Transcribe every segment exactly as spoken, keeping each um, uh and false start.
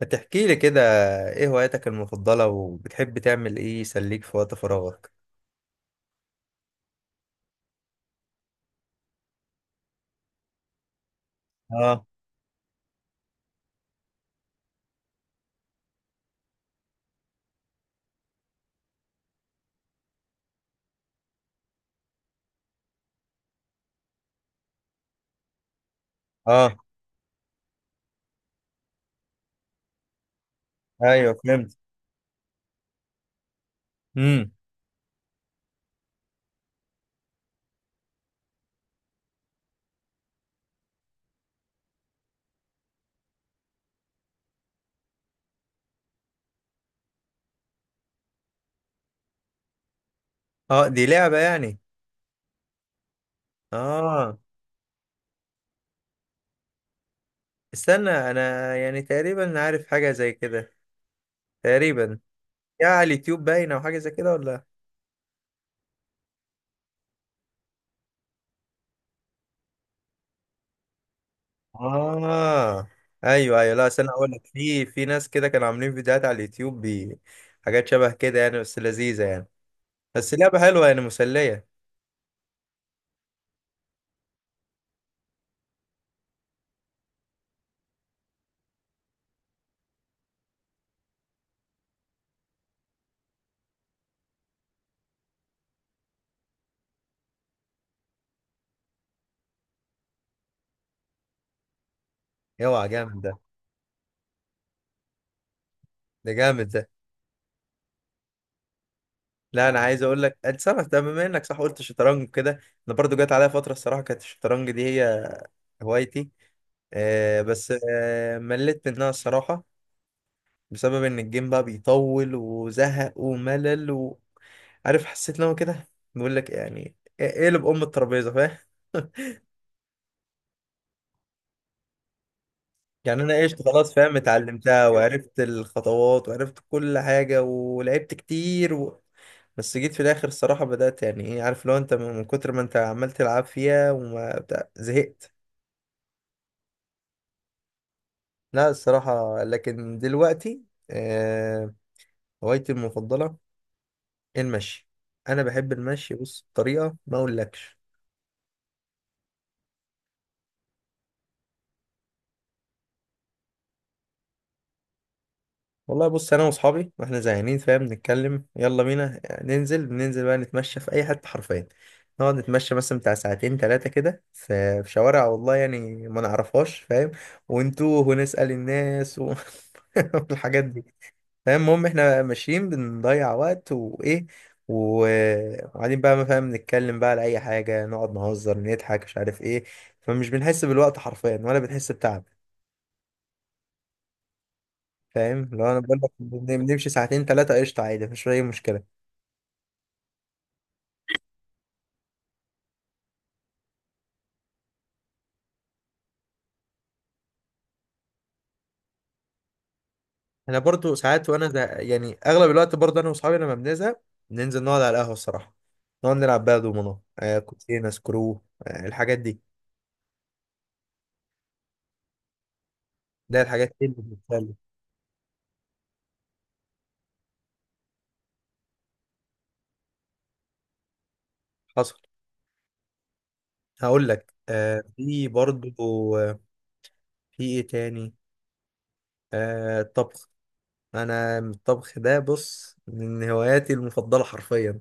ما تحكي لي كده، ايه هواياتك المفضلة وبتحب تعمل ايه يسليك في وقت فراغك؟ اه، اه، ايوه فهمت. امم. اه، دي لعبة يعني. اه. استنى انا يعني تقريبا عارف حاجة زي كده، تقريبا. يا على اليوتيوب باينة او حاجة زي كده، ولا؟ اه، ايوه ايوه، لا استنى اقول لك، في في ناس كده كانوا عاملين فيديوهات على اليوتيوب ب- حاجات شبه كده يعني، بس لذيذة يعني. بس لعبة حلوة يعني، مسلية. اوعى جامد ده. ده جامد ده. لا انا عايز اقول لك اتصرف، ده بما انك صح قلت شطرنج كده. انا برضو جات عليا فتره الصراحه كانت الشطرنج دي هي هوايتي. آه بس آه مليت منها الصراحه، بسبب ان الجيم بقى بيطول وزهق وملل وعارف. حسيت ان هو كده بيقول لك يعني ايه إيه اللي بأم الترابيزه، فاهم؟ يعني انا ايش خلاص فاهم، اتعلمتها وعرفت الخطوات وعرفت كل حاجه ولعبت كتير و بس جيت في الاخر الصراحه بدات يعني ايه، عارف، لو انت من كتر ما انت عمال تلعب فيها وما بتاع، زهقت. لا الصراحة، لكن دلوقتي آه، هوايتي المفضلة المشي. أنا بحب المشي، بص بطريقة ما أقولكش. والله بص، أنا وأصحابي وإحنا زهقانين فاهم، نتكلم يلا بينا ننزل ننزل بقى نتمشى في أي حتة حرفيا. نقعد نتمشى مثلا بتاع ساعتين تلاتة كده في في شوارع والله يعني ما نعرفهاش، فاهم؟ ونتوه ونسأل الناس و والحاجات دي. فاهم؟ المهم احنا ماشيين بنضيع وقت وايه و- وقاعدين بقى ما فاهم، نتكلم بقى على اي حاجه، نقعد نهزر نضحك مش عارف ايه. فمش بنحس بالوقت حرفيا، ولا بنحس بتعب. فاهم لو انا بقول لك بن- بنمشي ساعتين ثلاثه قشطه عادي مفيش اي مشكله. انا برضو ساعات وانا ده يعني اغلب الوقت، برضو انا واصحابي لما بنزهق ننزل نقعد على القهوه الصراحه. نقعد نلعب بقى دومينو، آه كوتشينه سكرو، آه الحاجات دي. ده الحاجات دي اللي بتتسلى. حصل. هقول لك آه في برضو آه في ايه تاني. آه الطبخ. انا الطبخ ده بص من هواياتي المفضله حرفيا.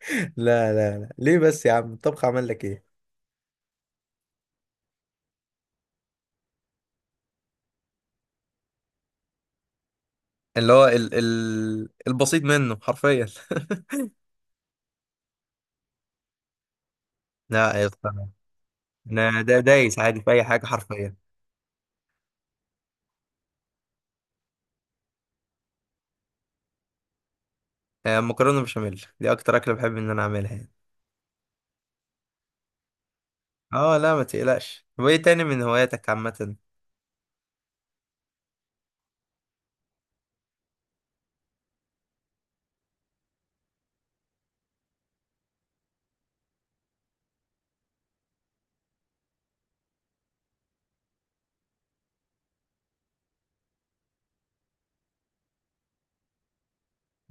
لا، لا، لا، ليه بس يا عم؟ الطبخ عمل لك ايه؟ اللي هو ال ال البسيط منه حرفيا. لا يا اسطى. انا دا دايس عادي في اي حاجه حرفيا. آه مكرونه بشاميل دي اكتر اكله بحب ان انا اعملها يعني. اه، لا ما تقلقش. طب ايه تاني من هواياتك عامه؟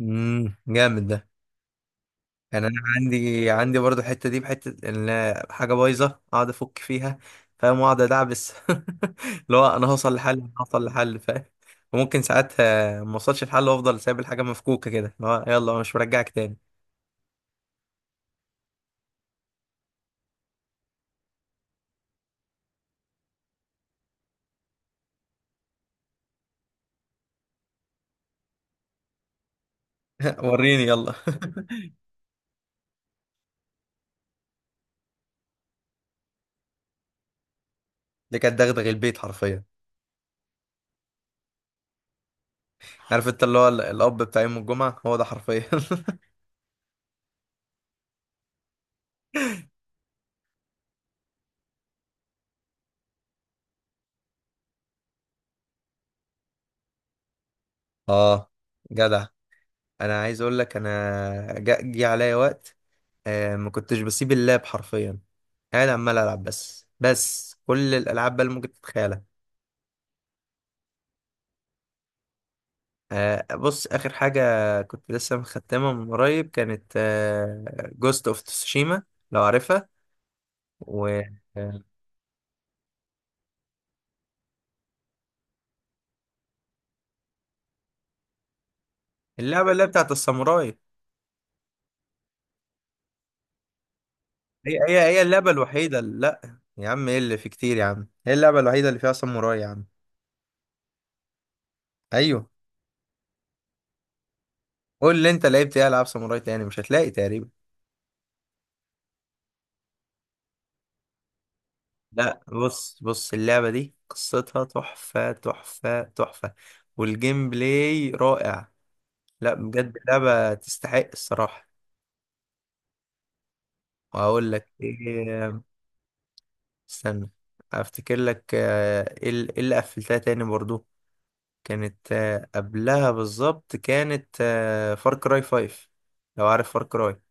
امم، جامد ده. يعني انا عندي عندي برضو الحته دي بحته ان حاجه بايظه، اقعد افك فيها، فاهم، واقعد ادعبس. اللي هو انا هوصل لحل انا هوصل لحل، فاهم؟ وممكن ساعتها ما اوصلش لحل وافضل سايب الحاجه مفكوكه كده، اللي هو يلا أنا مش مرجعك تاني. وريني يلا. دي كانت دغدغ البيت حرفيا. عارف انت اللي هو ال- الاب بتاع يوم الجمعه هو ده حرفيا. اه، جدع. انا عايز اقول لك انا جا- جه عليا وقت، آه، ما كنتش بسيب اللاب حرفيا، قاعد عمال العب بس بس كل الالعاب بقى اللي ممكن تتخيلها. آه، بص اخر حاجه كنت لسه مختمها من قريب كانت جوست اوف تسوشيما، لو عارفها. واللعبه اللي هي بتاعت الساموراي. هي هي هي اللعبه الوحيده اللي. لا يا عم، ايه اللي في كتير يا عم؟ هي اللعبه الوحيده اللي فيها ساموراي يا عم. ايوه. قول لي انت لعبت ايه العاب ساموراي تاني، مش هتلاقي تقريبا. لا بص بص اللعبة دي قصتها تحفة تحفة تحفة. والجيم بلاي رائع. لا بجد، لعبة تستحق الصراحة. وهقول لك ايه. استنى، افتكر لك، آه، ايه ال- إيه اللي قفلتها تاني برضو. كانت آه، قبلها بالظبط كانت فار كراي فايف، لو عارف فار كراي.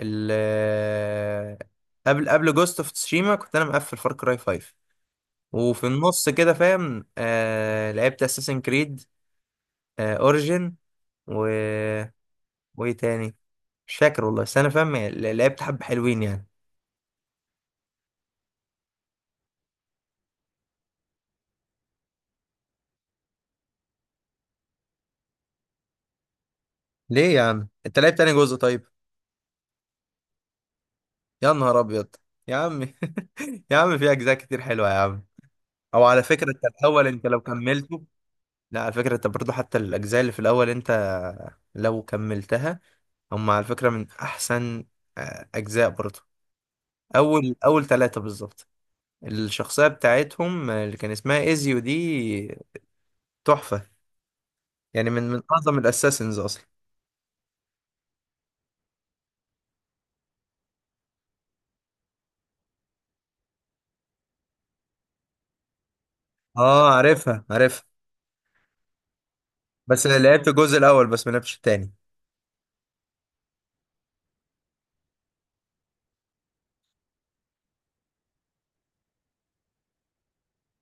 ال آه، قبل قبل جوست اوف تسوشيما كنت انا مقفل فار كراي فايف. وفي النص كده فاهم، آه لعبت اساسن كريد اوريجن، و وايه تاني، مش فاكر والله، بس انا فاهم ل- لعبت حبة حلوين يعني. ليه يا عم، انت لعبت تاني جزء طيب؟ يا نهار ابيض، يا عم. يا عم، في اجزاء كتير حلوة يا عم. او على فكرة انت الاول، انت لو كملته. لا على فكرة، انت برضه حتى الاجزاء اللي في الاول، انت لو كملتها، هم على فكرة من احسن آه، اجزاء برضه. اول اول ثلاثة بالظبط. الشخصية بتاعتهم، آه، اللي كان اسمها ايزيو دي، تحفة. يعني من من اعظم الاساسنز اصلا. اه، عارفها عارفها. بس لعبت الجزء الاول بس، ما لعبتش التاني.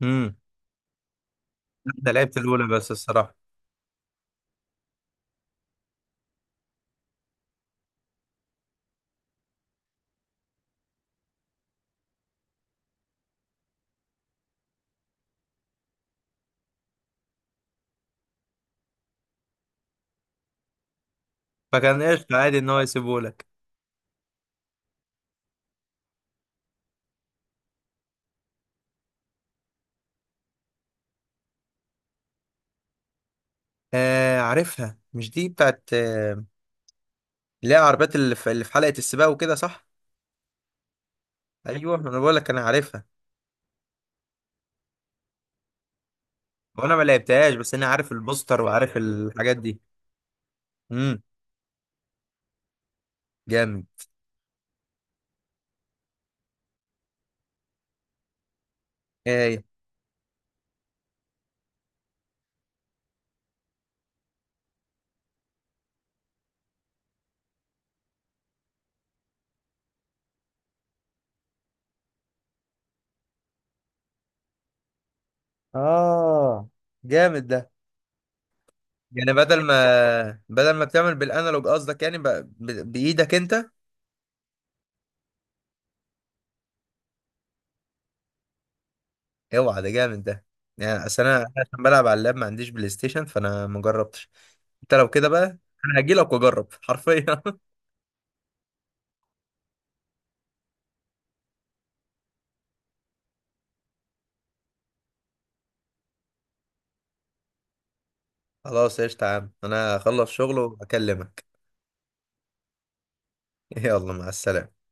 امم. انا لعبت الاولى بس الصراحه. فكان قشطه عادي ان هو يسيبه لك. آه عارفها، مش دي بتاعت، آه اللي هي العربيات اللي في, اللي في حلقه السباق وكده، صح؟ ايوه، انا بقول لك انا عارفها. وانا ما لعبتهاش بس انا عارف البوستر وعارف الحاجات دي. امم، جامد. ايه؟ اه، جامد ده. يعني بدل ما بدل ما بتعمل بالانالوج قصدك، يعني ب... ب... بايدك انت. اوعى، ده جامد ده. يعني اصل انا أنا عشان بلعب على اللاب ما عنديش بلاي ستيشن، فانا ما جربتش. انت لو كده بقى انا هجي لك واجرب حرفيا. خلاص قشطة يا عم، انا هخلص شغل واكلمك. يلا، مع السلامة.